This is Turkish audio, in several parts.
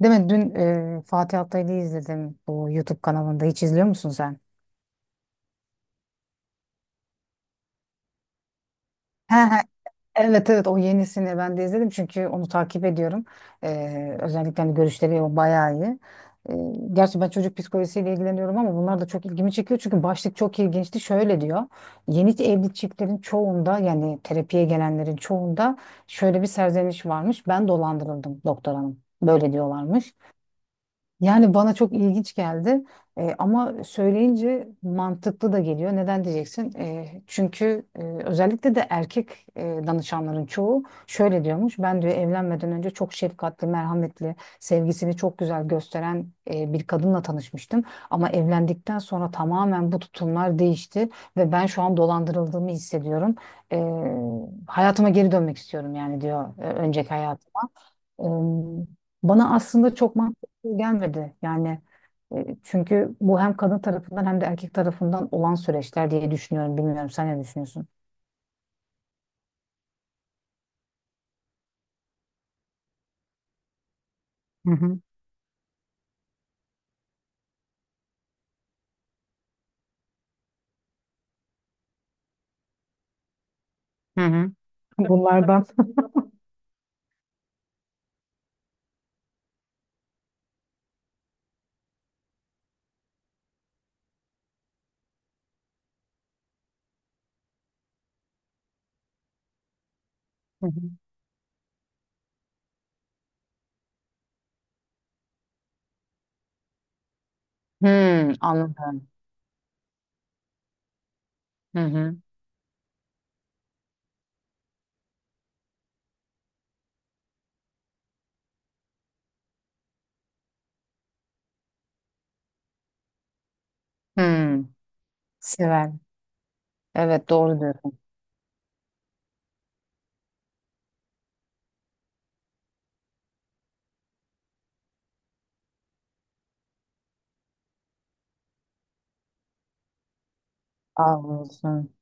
Değil mi? Dün Fatih Altaylı'yı izledim bu YouTube kanalında. Hiç izliyor musun sen? He he. Evet evet, o yenisini ben de izledim çünkü onu takip ediyorum. Özellikle hani görüşleri o bayağı iyi. E, Gerçi ben çocuk psikolojisiyle ilgileniyorum ama bunlar da çok ilgimi çekiyor. Çünkü başlık çok ilginçti. Şöyle diyor. Yeni evli çiftlerin çoğunda yani terapiye gelenlerin çoğunda şöyle bir serzeniş varmış. Ben dolandırıldım doktor hanım. Böyle diyorlarmış. Yani bana çok ilginç geldi. Ama söyleyince mantıklı da geliyor. Neden diyeceksin? Çünkü özellikle de erkek danışanların çoğu şöyle diyormuş. Ben diyor evlenmeden önce çok şefkatli, merhametli, sevgisini çok güzel gösteren bir kadınla tanışmıştım. Ama evlendikten sonra tamamen bu tutumlar değişti ve ben şu an dolandırıldığımı hissediyorum. E, Hayatıma geri dönmek istiyorum yani diyor, önceki hayat. Em, Bana aslında çok mantıklı gelmedi. Yani çünkü bu hem kadın tarafından hem de erkek tarafından olan süreçler diye düşünüyorum. Bilmiyorum, sen ne düşünüyorsun? Hı hı. Hı hı. Bunlardan. Hı hı. Hmm, anladım. Hı hı. Hmm. Sever. Evet, doğru diyorsun. Sağ olasın.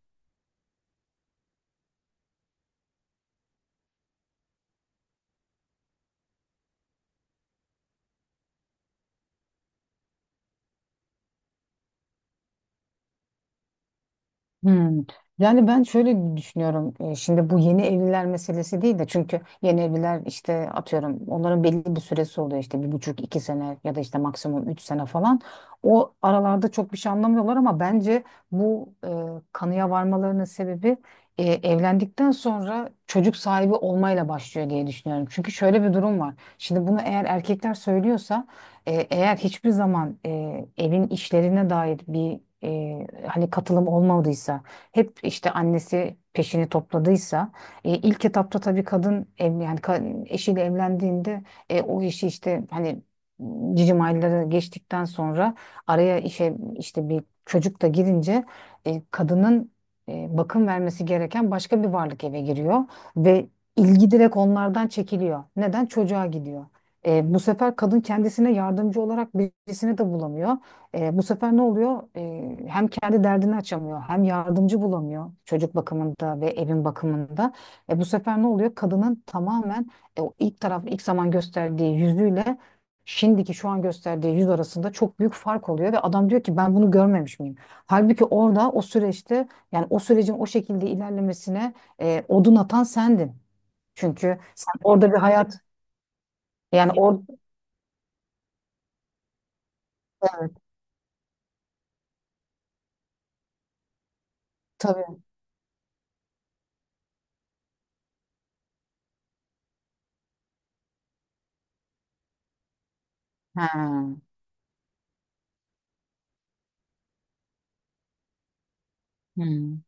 Hmm. Yani ben şöyle düşünüyorum. Şimdi bu yeni evliler meselesi değil de, çünkü yeni evliler işte atıyorum onların belli bir süresi oluyor, işte bir buçuk iki sene ya da işte maksimum üç sene falan. O aralarda çok bir şey anlamıyorlar ama bence bu kanıya varmalarının sebebi evlendikten sonra çocuk sahibi olmayla başlıyor diye düşünüyorum. Çünkü şöyle bir durum var. Şimdi bunu eğer erkekler söylüyorsa eğer hiçbir zaman evin işlerine dair bir hani katılım olmadıysa, hep işte annesi peşini topladıysa, ilk etapta tabii kadın ev, yani eşiyle evlendiğinde o işi işte hani cicim ayları geçtikten sonra araya işe işte bir çocuk da girince kadının bakım vermesi gereken başka bir varlık eve giriyor ve ilgi direkt onlardan çekiliyor. Neden? Çocuğa gidiyor. Bu sefer kadın kendisine yardımcı olarak birisini de bulamıyor. Bu sefer ne oluyor? Hem kendi derdini açamıyor, hem yardımcı bulamıyor çocuk bakımında ve evin bakımında. Bu sefer ne oluyor? Kadının tamamen o ilk taraf, ilk zaman gösterdiği yüzüyle şimdiki şu an gösterdiği yüz arasında çok büyük fark oluyor ve adam diyor ki ben bunu görmemiş miyim? Halbuki orada o süreçte yani o sürecin o şekilde ilerlemesine odun atan sendin. Çünkü sen orada bir hayat yani orada. Tabii. Ha. Hı.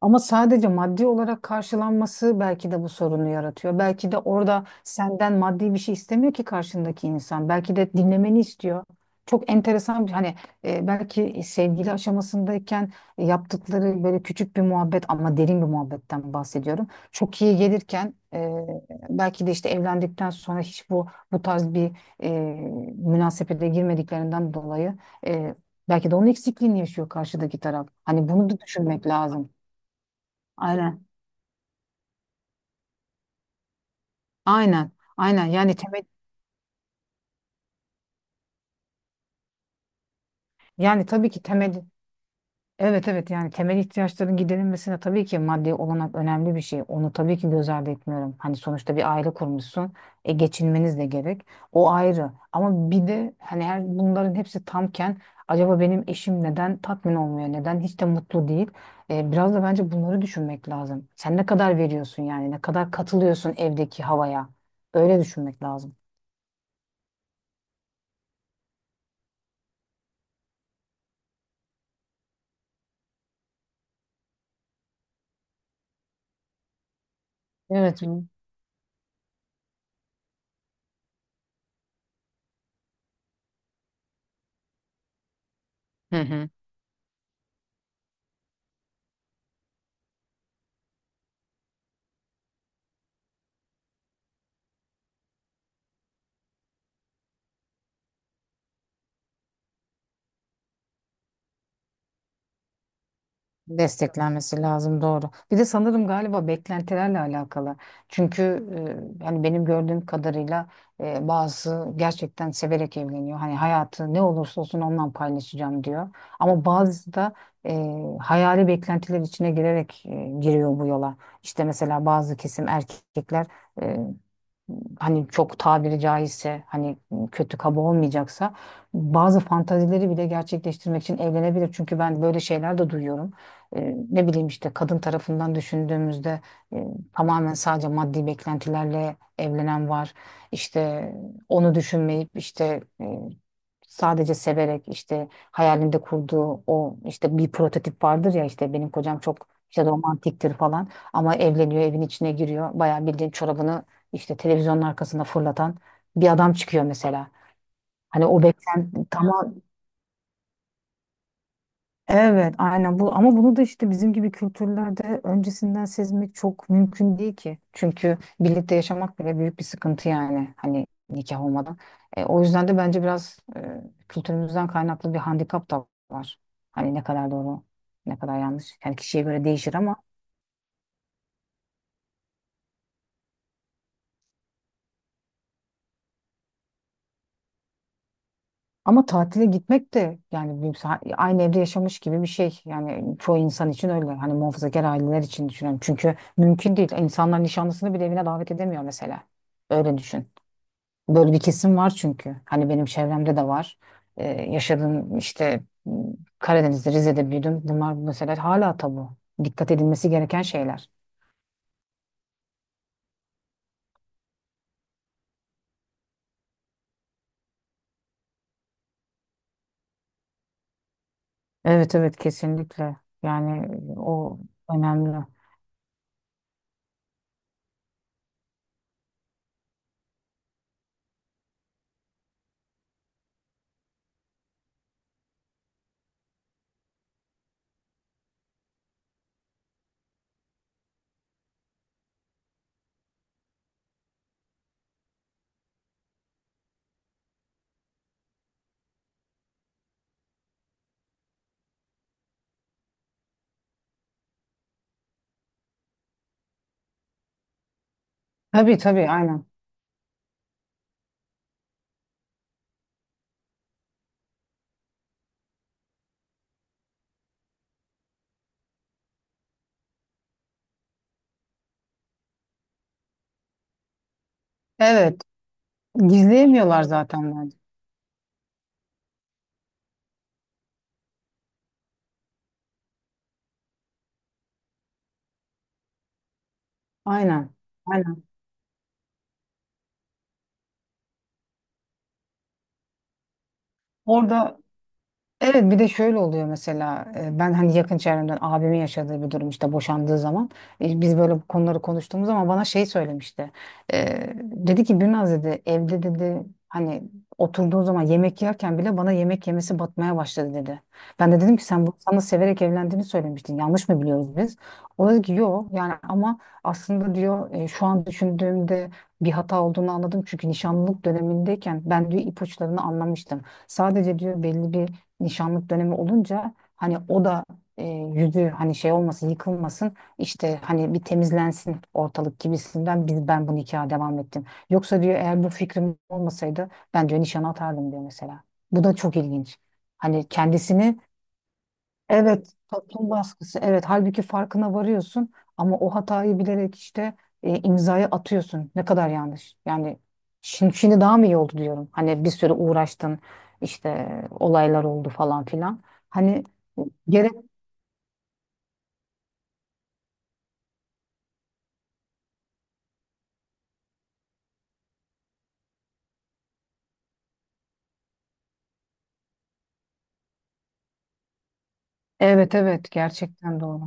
Ama sadece maddi olarak karşılanması belki de bu sorunu yaratıyor. Belki de orada senden maddi bir şey istemiyor ki karşındaki insan. Belki de dinlemeni istiyor. Çok enteresan bir hani belki sevgili aşamasındayken yaptıkları böyle küçük bir muhabbet ama derin bir muhabbetten bahsediyorum. Çok iyi gelirken belki de işte evlendikten sonra hiç bu tarz bir e, münasebete girmediklerinden dolayı e, belki de onun eksikliğini yaşıyor karşıdaki taraf. Hani bunu da düşünmek lazım. Aynen. Aynen. Aynen. Yani temel, yani tabii ki temel, evet evet, yani temel ihtiyaçların giderilmesine tabii ki maddi olanak önemli bir şey. Onu tabii ki göz ardı etmiyorum. Hani sonuçta bir aile kurmuşsun. E geçinmeniz de gerek. O ayrı. Ama bir de hani her bunların hepsi tamken acaba benim eşim neden tatmin olmuyor? Neden hiç de mutlu değil? Biraz da bence bunları düşünmek lazım. Sen ne kadar veriyorsun yani? Ne kadar katılıyorsun evdeki havaya? Öyle düşünmek lazım. Evet. Hı hı. Desteklenmesi lazım, doğru. Bir de sanırım galiba beklentilerle alakalı. Çünkü hani benim gördüğüm kadarıyla bazı gerçekten severek evleniyor. Hani hayatı ne olursa olsun ondan paylaşacağım diyor. Ama bazı da e, hayali beklentiler içine girerek giriyor bu yola. İşte mesela bazı kesim erkekler hani çok tabiri caizse hani kötü kaba olmayacaksa bazı fantazileri bile gerçekleştirmek için evlenebilir. Çünkü ben böyle şeyler de duyuyorum. Ne bileyim işte kadın tarafından düşündüğümüzde e, tamamen sadece maddi beklentilerle evlenen var. İşte onu düşünmeyip işte sadece severek işte hayalinde kurduğu o işte bir prototip vardır ya, işte benim kocam çok işte romantiktir falan, ama evleniyor evin içine giriyor bayağı bildiğin çorabını işte televizyonun arkasına fırlatan bir adam çıkıyor mesela. Hani o beklen, tamam. Evet, aynen bu, ama bunu da işte bizim gibi kültürlerde öncesinden sezmek çok mümkün değil ki. Çünkü birlikte yaşamak bile büyük bir sıkıntı yani hani nikah olmadan. O yüzden de bence biraz kültürümüzden kaynaklı bir handikap da var. Hani ne kadar doğru, ne kadar yanlış. Yani kişiye göre değişir ama ama tatile gitmek de yani büyük aynı evde yaşamış gibi bir şey. Yani çoğu insan için öyle. Hani muhafazakar aileler için düşünüyorum. Çünkü mümkün değil. İnsanlar nişanlısını bile evine davet edemiyor mesela. Öyle düşün. Böyle bir kesim var çünkü. Hani benim çevremde de var. Yaşadığım işte Karadeniz'de, Rize'de büyüdüm. Bunlar mesela hala tabu. Dikkat edilmesi gereken şeyler. Evet evet, kesinlikle. Yani o önemli. Tabii tabii, aynen. Evet. Gizleyemiyorlar zaten bence. Aynen. Aynen. Orada, evet, bir de şöyle oluyor mesela, ben hani yakın çevremden abimin yaşadığı bir durum, işte boşandığı zaman biz böyle bu konuları konuştuğumuz zaman bana şey söylemişti. E, Dedi ki Birnaz dedi, evde dedi hani oturduğu zaman yemek yerken bile bana yemek yemesi batmaya başladı dedi. Ben de dedim ki sen bu sana severek evlendiğini söylemiştin, yanlış mı biliyoruz biz? O dedi ki yok yani, ama aslında diyor şu an düşündüğümde bir hata olduğunu anladım çünkü nişanlılık dönemindeyken ben diyor ipuçlarını anlamıştım. Sadece diyor belli bir nişanlık dönemi olunca hani o da yüzü hani şey olmasın yıkılmasın işte hani bir temizlensin ortalık gibisinden biz, ben bu nikaha devam ettim. Yoksa diyor eğer bu fikrim olmasaydı ben diyor nişan atardım diyor mesela. Bu da çok ilginç. Hani kendisini. Evet, toplum baskısı. Evet, halbuki farkına varıyorsun ama o hatayı bilerek işte imzayı atıyorsun. Ne kadar yanlış. Yani şimdi daha mı iyi oldu diyorum. Hani bir süre uğraştın, işte olaylar oldu falan filan. Hani gerek, evet evet, gerçekten doğru.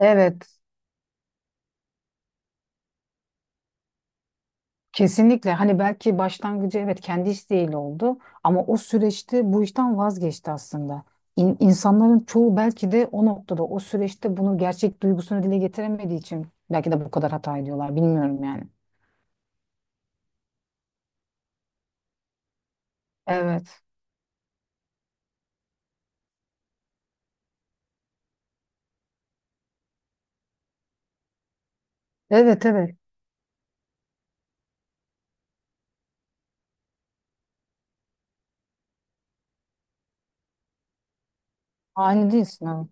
Evet. Kesinlikle hani belki başlangıcı evet kendi isteğiyle oldu ama o süreçte bu işten vazgeçti aslında. İnsanların çoğu belki de o noktada o süreçte bunu gerçek duygusunu dile getiremediği için belki de bu kadar hata ediyorlar, bilmiyorum yani. Evet. Evet evet. Aynı değilsin. Evet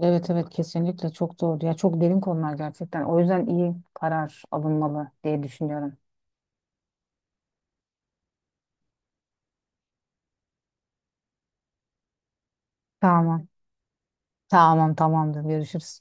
evet evet, kesinlikle çok doğru. Ya çok derin konular gerçekten. O yüzden iyi karar alınmalı diye düşünüyorum. Tamam. Tamam tamamdır. Görüşürüz.